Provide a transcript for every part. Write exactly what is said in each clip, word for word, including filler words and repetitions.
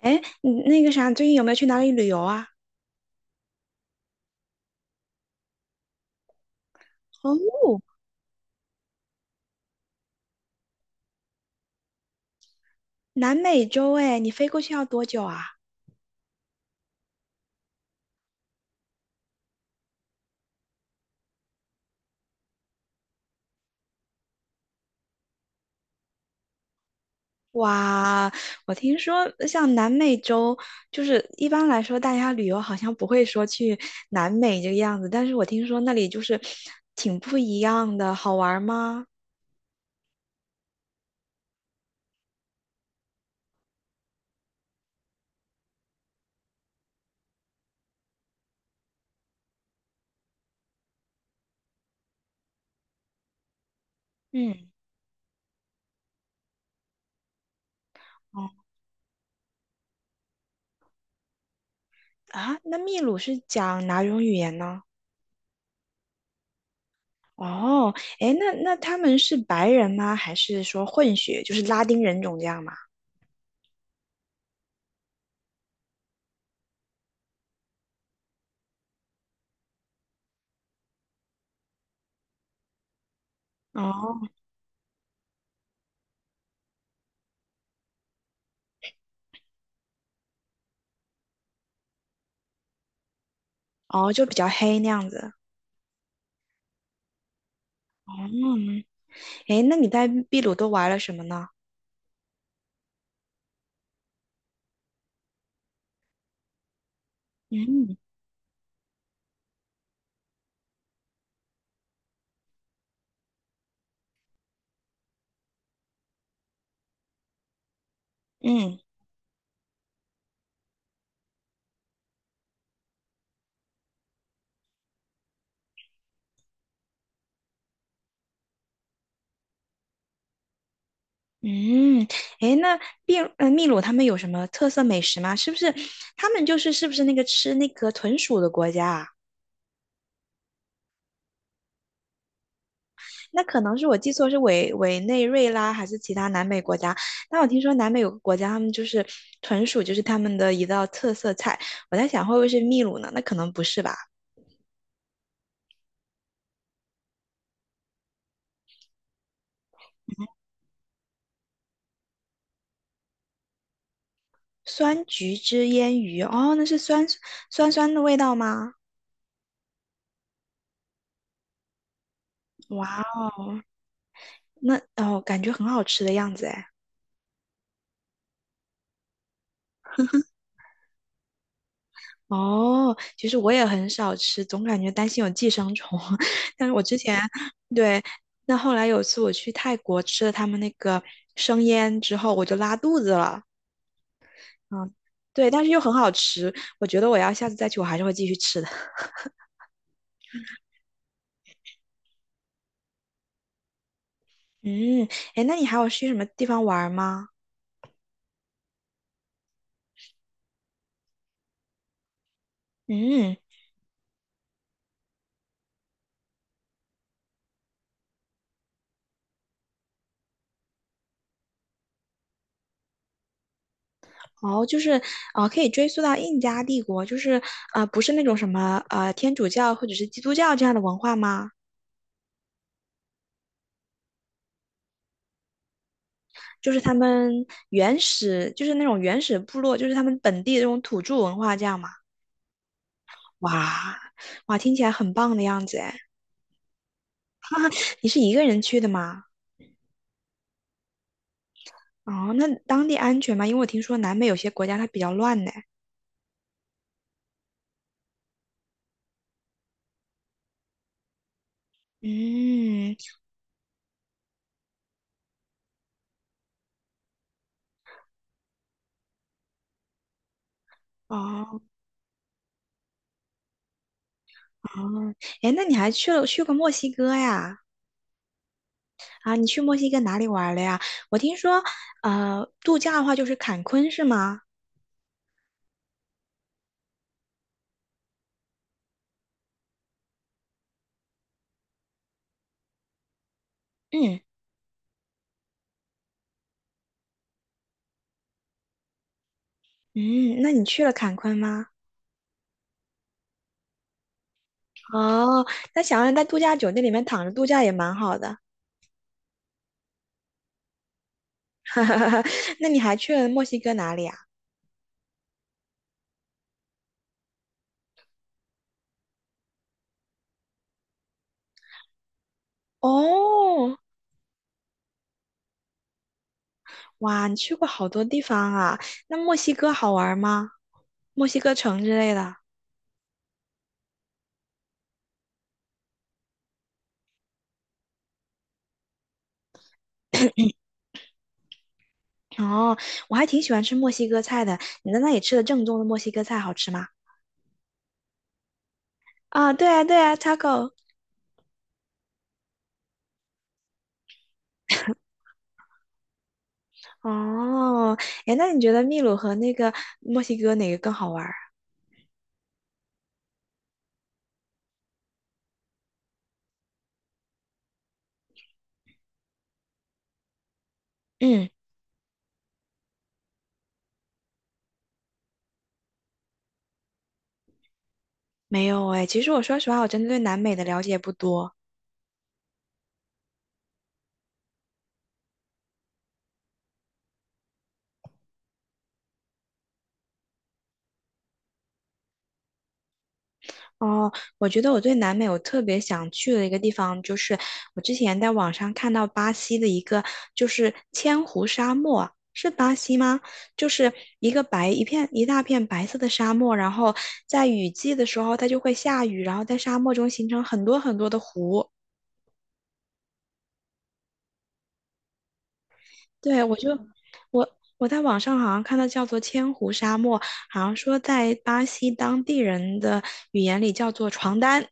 哎，你那个啥，最近有没有去哪里旅游啊？哦，南美洲哎，你飞过去要多久啊？哇，我听说像南美洲，就是一般来说大家旅游好像不会说去南美这个样子，但是我听说那里就是挺不一样的，好玩儿吗？嗯，哦啊，那秘鲁是讲哪种语言呢？哦，哎，那那他们是白人吗？还是说混血，就是拉丁人种这样吗？哦哦，就比较黑那样子。嗯，诶，那你在秘鲁都玩了什么呢？嗯嗯嗯，诶，那秘呃秘鲁他们有什么特色美食吗？是不是他们就是是不是那个吃那个豚鼠的国家啊？那可能是我记错，是委委内瑞拉还是其他南美国家？但我听说南美有个国家，他们就是豚鼠，就是他们的一道特色菜。我在想会不会是秘鲁呢？那可能不是吧？酸橘汁腌鱼，哦，那是酸酸酸的味道吗？哇哦！那哦，感觉很好吃的样子哎。哦，其实我也很少吃，总感觉担心有寄生虫。但是我之前对，那后来有一次我去泰国吃了他们那个生腌之后，我就拉肚子了。嗯，对，但是又很好吃，我觉得我要下次再去，我还是会继续吃的。嗯，哎，那你还有去什么地方玩儿吗？嗯，哦，就是啊、呃可以追溯到印加帝国，就是啊、呃不是那种什么呃天主教或者是基督教这样的文化吗？就是他们原始，就是那种原始部落，就是他们本地的这种土著文化，这样嘛。哇哇，听起来很棒的样子哎！你是一个人去的吗？哦，那当地安全吗？因为我听说南美有些国家它比较乱呢。嗯，哦哦，哎，那你还去了去过墨西哥呀？啊，你去墨西哥哪里玩了呀？我听说，呃，度假的话就是坎昆是吗？嗯嗯，那你去了坎昆吗？哦，那想要在度假酒店里面躺着度假也蛮好的。那你还去了墨西哥哪里啊？哦，哇，你去过好多地方啊。那墨西哥好玩吗？墨西哥城之类的。哦，我还挺喜欢吃墨西哥菜的。你在那里吃的正宗的墨西哥菜好吃吗？啊，对啊，对啊，taco。哦，哎，那你觉得秘鲁和那个墨西哥哪个更好玩儿？嗯，没有哎。其实我说实话，我真的对南美的了解不多。哦，我觉得我对南美我特别想去的一个地方，就是我之前在网上看到巴西的一个，就是千湖沙漠，是巴西吗？就是一个白一片一大片白色的沙漠，然后在雨季的时候它就会下雨，然后在沙漠中形成很多很多的湖。对，我就我我在网上好像看到叫做千湖沙漠，好像说在巴西当地人的语言里叫做床单，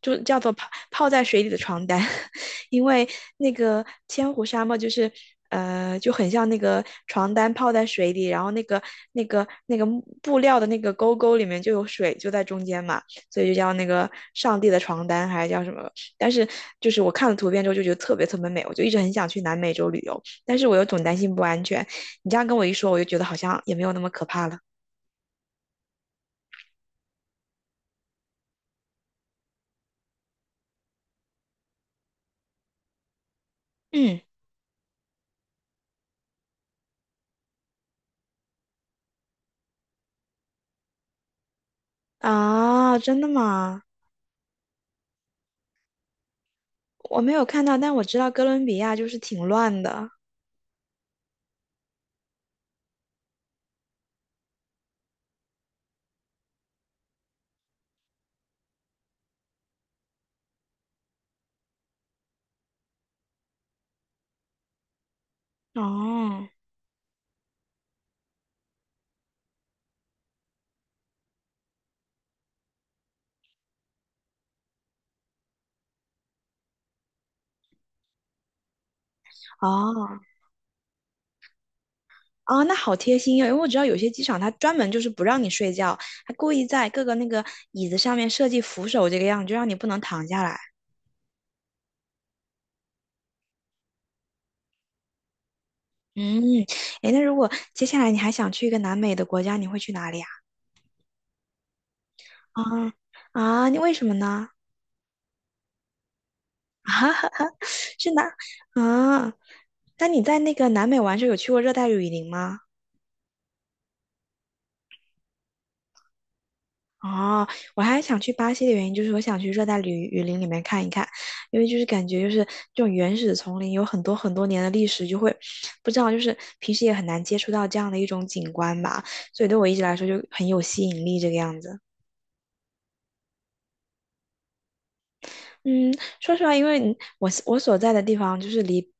就叫做泡泡在水里的床单，因为那个千湖沙漠就是呃就很像那个床单泡在水里，然后那个那个那个木布料的那个沟沟里面就有水就在中间嘛，所以就叫那个上帝的床单还是叫什么？但是就是我看了图片之后就觉得特别特别美，我就一直很想去南美洲旅游。但是我又总担心不安全。你这样跟我一说，我就觉得好像也没有那么可怕了。嗯，啊，真的吗？我没有看到，但我知道哥伦比亚就是挺乱的。哦，哦，哦，那好贴心哦，因为我知道有些机场它专门就是不让你睡觉，它故意在各个那个椅子上面设计扶手这个样，子，就让你不能躺下来。嗯，诶，那如果接下来你还想去一个南美的国家，你会去哪里啊？啊啊，你为什么呢？是南啊？那你在那个南美玩的时候有去过热带雨林吗？哦，我还想去巴西的原因就是我想去热带雨雨林里面看一看，因为就是感觉就是这种原始丛林有很多很多年的历史，就会不知道就是平时也很难接触到这样的一种景观吧，所以对我一直来说就很有吸引力这个样子。嗯，说实话，因为你我我所在的地方就是离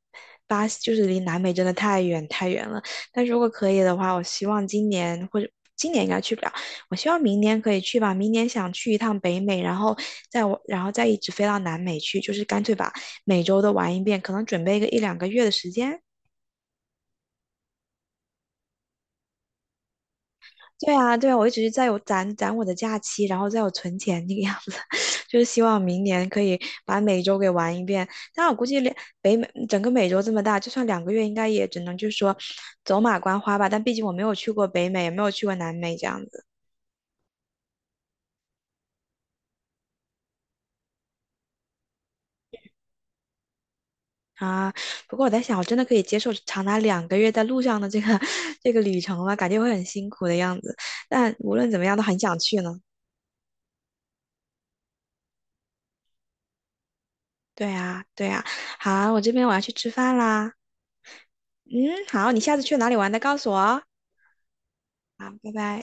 巴西，就是离南美真的太远太远了。但如果可以的话，我希望今年或者今年应该去不了，我希望明年可以去吧。明年想去一趟北美，然后再我然后再一直飞到南美去，就是干脆把美洲都玩一遍，可能准备个一两个月的时间。对啊，对啊，我一直在有攒攒我的假期，然后在有存钱那个样子，就是希望明年可以把美洲给玩一遍。但我估计两北美整个美洲这么大，就算两个月，应该也只能就是说走马观花吧。但毕竟我没有去过北美，也没有去过南美这样子啊。不过我在想，我真的可以接受长达两个月在路上的这个 这个旅程吗？感觉会很辛苦的样子。但无论怎么样，都很想去呢。对啊，对啊。好，我这边我要去吃饭啦。嗯，好，你下次去哪里玩的，告诉我哦。好，拜拜。